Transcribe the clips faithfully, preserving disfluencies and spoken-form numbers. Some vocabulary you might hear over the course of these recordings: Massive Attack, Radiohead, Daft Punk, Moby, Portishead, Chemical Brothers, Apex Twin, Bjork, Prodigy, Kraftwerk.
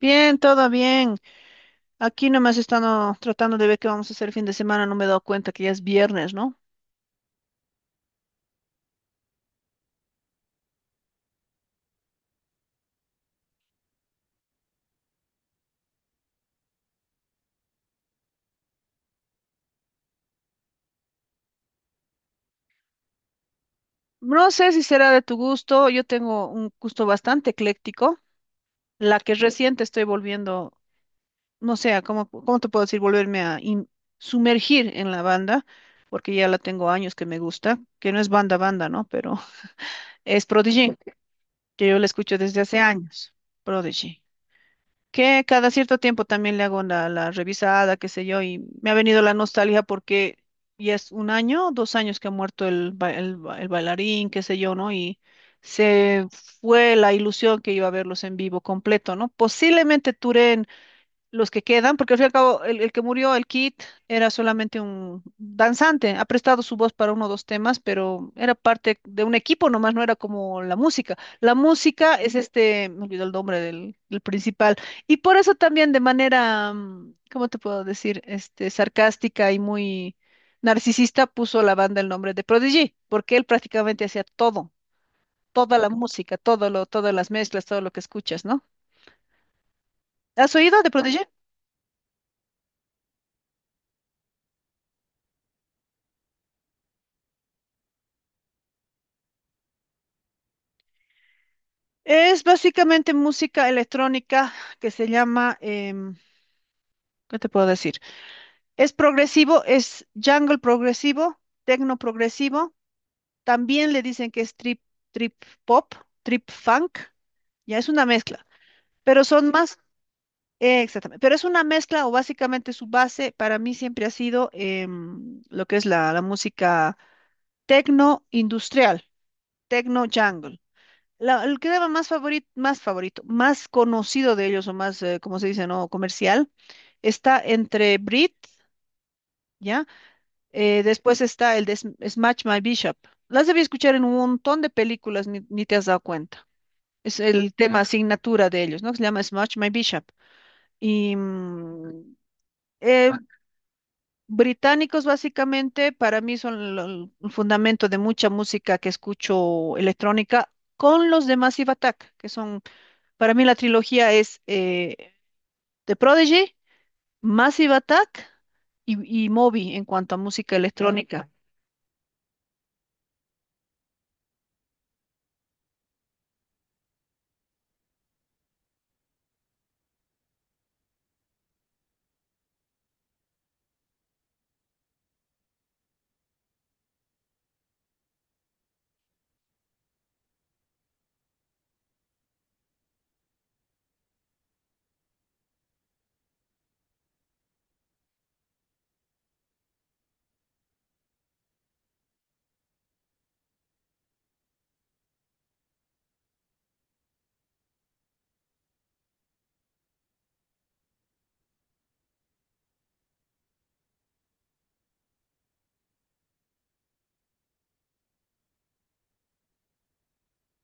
Bien, todo bien. Aquí nomás están oh, tratando de ver qué vamos a hacer el fin de semana. No me he dado cuenta que ya es viernes, ¿no? No sé si será de tu gusto. Yo tengo un gusto bastante ecléctico. La que reciente estoy volviendo, no sé, a ¿cómo, cómo te puedo decir? Volverme a in- sumergir en la banda, porque ya la tengo años que me gusta, que no es banda banda, ¿no? Pero es Prodigy, que yo la escucho desde hace años. Prodigy, que cada cierto tiempo también le hago la, la revisada, qué sé yo, y me ha venido la nostalgia porque ya es un año, dos años que ha muerto el, ba- el, ba- el bailarín, qué sé yo, ¿no? Y se fue la ilusión que iba a verlos en vivo completo, ¿no? Posiblemente Touré los que quedan, porque al fin y al cabo el, el que murió, el Kid, era solamente un danzante, ha prestado su voz para uno o dos temas, pero era parte de un equipo nomás, no era como la música. La música es este, me olvidó el nombre del, del principal, y por eso también de manera, mm, ¿cómo te puedo decir? Este, sarcástica y muy narcisista puso a la banda el nombre de Prodigy, porque él prácticamente hacía todo, toda la música, todo lo, todas las mezclas, todo lo que escuchas, ¿no? ¿Has oído de Prodigy? Es básicamente música electrónica que se llama, em, ¿qué te puedo decir? Es progresivo, es jungle progresivo, techno progresivo. También le dicen que es trip, trip pop, trip funk. Ya es una mezcla, pero son más, eh, exactamente, pero es una mezcla o básicamente su base para mí siempre ha sido em, lo que es la, la música techno industrial, techno jungle. La, el crema más favorito, más favorito, más conocido de ellos o más, eh, como se dice, no comercial, está entre Brit, ¿ya? Eh, después está el de Sm- Smash My Bishop. Las debí escuchar en un montón de películas, ni, ni te has dado cuenta. Es el tema Ya. asignatura de ellos, ¿no? Que se llama Smash My Bishop. Y mm, eh, Ah, británicos, básicamente, para mí son lo- el fundamento de mucha música que escucho electrónica con los de Massive Attack, que son. Para mí la trilogía es eh, The Prodigy, Massive Attack y, y Moby en cuanto a música electrónica.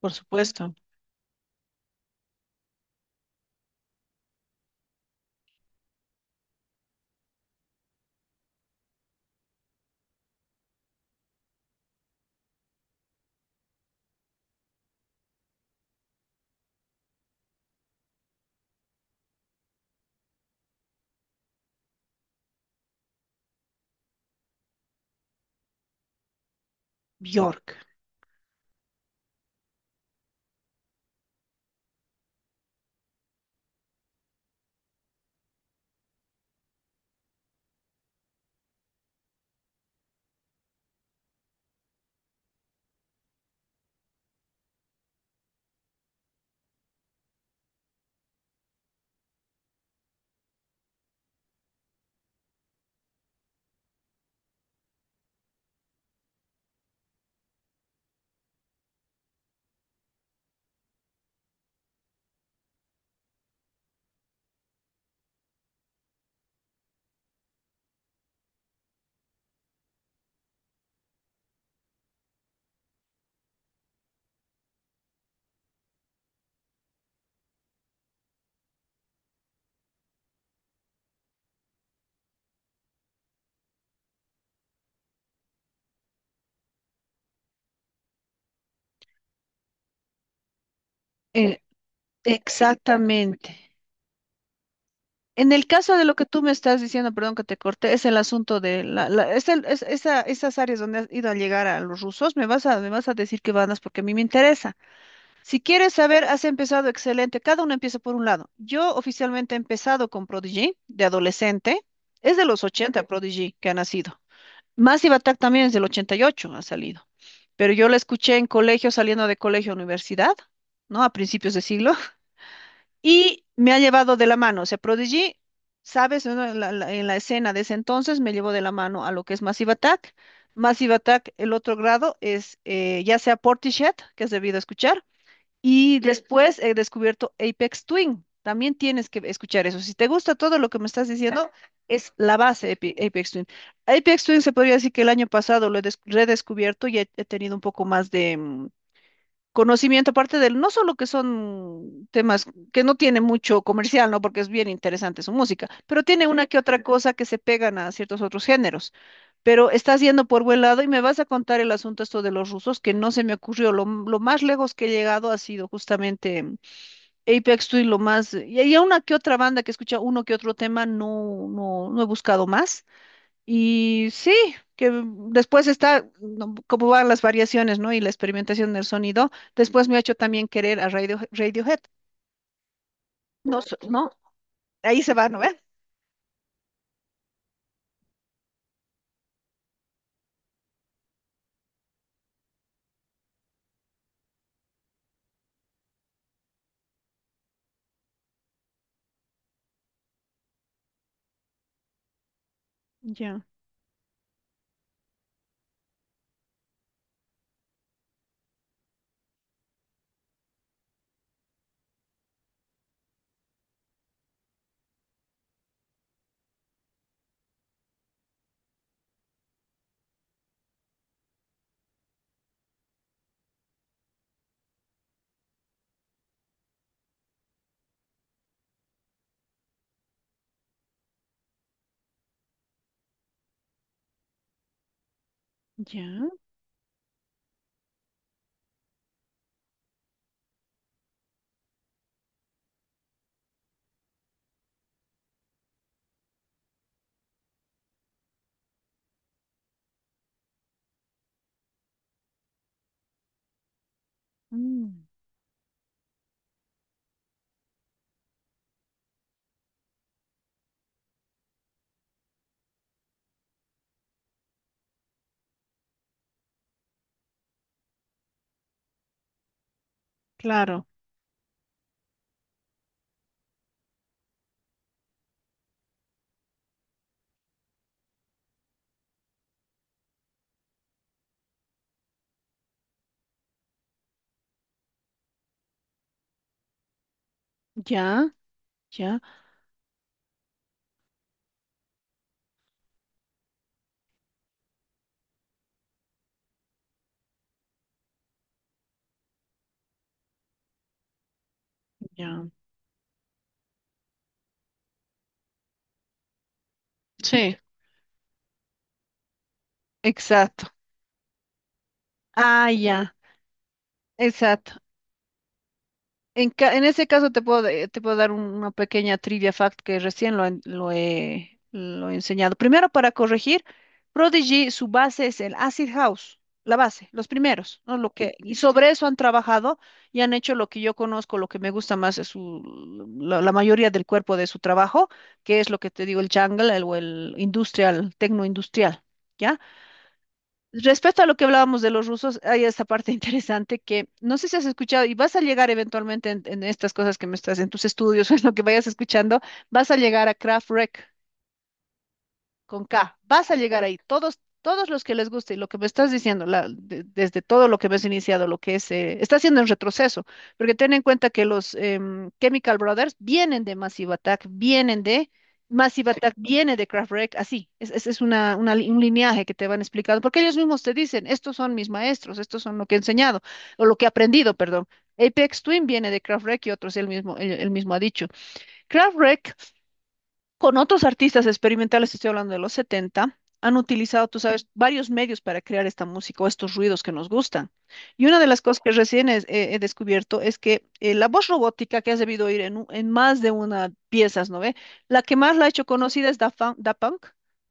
Por supuesto. Bjork. Eh, exactamente. En el caso de lo que tú me estás diciendo, perdón que te corté, es el asunto de la, la- es el- es- esa- esas áreas donde has ido a llegar a los rusos, me vas a, me vas a decir que van porque a mí me interesa. Si quieres saber, has empezado excelente. Cada uno empieza por un lado. Yo oficialmente he empezado con Prodigy de adolescente. Es de los ochenta Prodigy que ha nacido. Massive Attack también es del ochenta y ocho, ha salido. Pero yo la escuché en colegio, saliendo de colegio a universidad, ¿no? A principios de siglo. Y me ha llevado de la mano. O sea, Prodigy, sabes, ¿no? En la, la- en la escena de ese entonces me llevó de la mano a lo que es Massive Attack. Massive Attack, el otro grado es eh, ya sea Portishead, que has debido escuchar, y después he descubierto Apex Twin. También tienes que escuchar eso. Si te gusta todo lo que me estás diciendo, es la base de Ape- Apex Twin. Apex Twin se podría decir que el año pasado lo he des- redescubierto y he, he tenido un poco más de, mm, conocimiento, aparte del, no solo que son temas que no tiene mucho comercial, ¿no? Porque es bien interesante su música, pero tiene una que otra cosa que se pegan a ciertos otros géneros. Pero estás yendo por buen lado y me vas a contar el asunto esto de los rusos, que no se me ocurrió. Lo, m- lo más lejos que he llegado ha sido justamente mm, Apex Twin, lo más. Y hay una que otra banda que escucha uno que otro tema, no, no, no he buscado más. Y sí, que después está no, cómo van las variaciones, ¿no? Y la experimentación del sonido. Después me ha hecho también querer a Radio, Radiohead. No, so- no, ahí se va, ¿no ve? Ya, ya, mm, claro, ya, ya, ya. Sí. Exacto. Ah, ya, exacto. En, ca- en ese caso te puedo, de- te puedo dar un- una pequeña trivia fact que recién lo, en- lo he, lo he enseñado. Primero, para corregir, Prodigy, su base es el Acid House, la base, los primeros, ¿no? Lo que, y sobre eso han trabajado y han hecho lo que yo conozco, lo que me gusta más es su, la, la mayoría del cuerpo de su trabajo, que es lo que te digo, el jungle el- o el industrial, tecno industrial. Respecto a lo que hablábamos de los rusos, hay esta parte interesante que no sé si has escuchado y vas a llegar eventualmente en, en, estas cosas que me estás, en tus estudios o en lo que vayas escuchando, vas a llegar a Kraftwerk con K. Vas a llegar ahí. Todos, todos los que les guste y lo que me estás diciendo, la- de- desde todo lo que me has iniciado, lo que es, eh, está haciendo en retroceso, porque ten en cuenta que los em, Chemical Brothers vienen de Massive Attack, vienen de Massive. Sí. Attack, viene de Kraftwerk, así. Es, es, es una, una li- un lineaje que te van explicando, porque ellos mismos te dicen, estos son mis maestros, estos son lo que he enseñado, o lo que he aprendido, perdón. Apex Twin viene de Kraftwerk y otros, él mismo, él él mismo ha dicho. Kraftwerk con otros artistas experimentales, estoy hablando de los setenta, han utilizado, tú sabes, varios medios para crear esta música o estos ruidos que nos gustan. Y una de las cosas que recién es- he, he descubierto es que eh, la voz robótica que has debido oír en, u- en más de una piezas, ¿no ve? La que más la ha hecho conocida es Da Fun- Da Punk,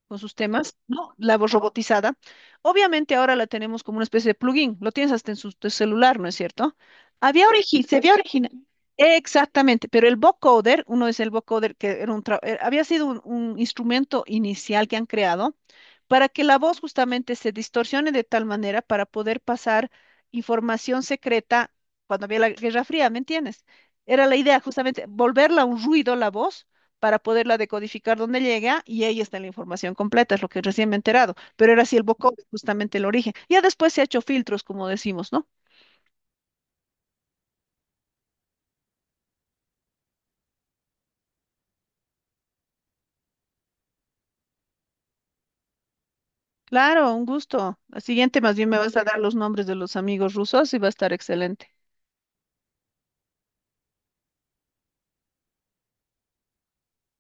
con sus temas, ¿no? La voz robotizada. Obviamente ahora la tenemos como una especie de plugin, lo tienes hasta en su tu celular, ¿no es cierto? Había origi- se había Exactamente, pero el vocoder, uno es el vocoder que era un tra- eh, había sido un, un instrumento inicial que han creado para que la voz justamente se distorsione de tal manera para poder pasar información secreta cuando había la Guerra Fría, ¿me entiendes? Era la idea justamente volverla un ruido la voz para poderla decodificar donde llega y ahí está la información completa, es lo que recién me he enterado, pero era así el vocoder, justamente el origen. Ya después se ha hecho filtros, como decimos, ¿no? Claro, un gusto. La siguiente más bien me vas a dar los nombres de los amigos rusos y va a estar excelente.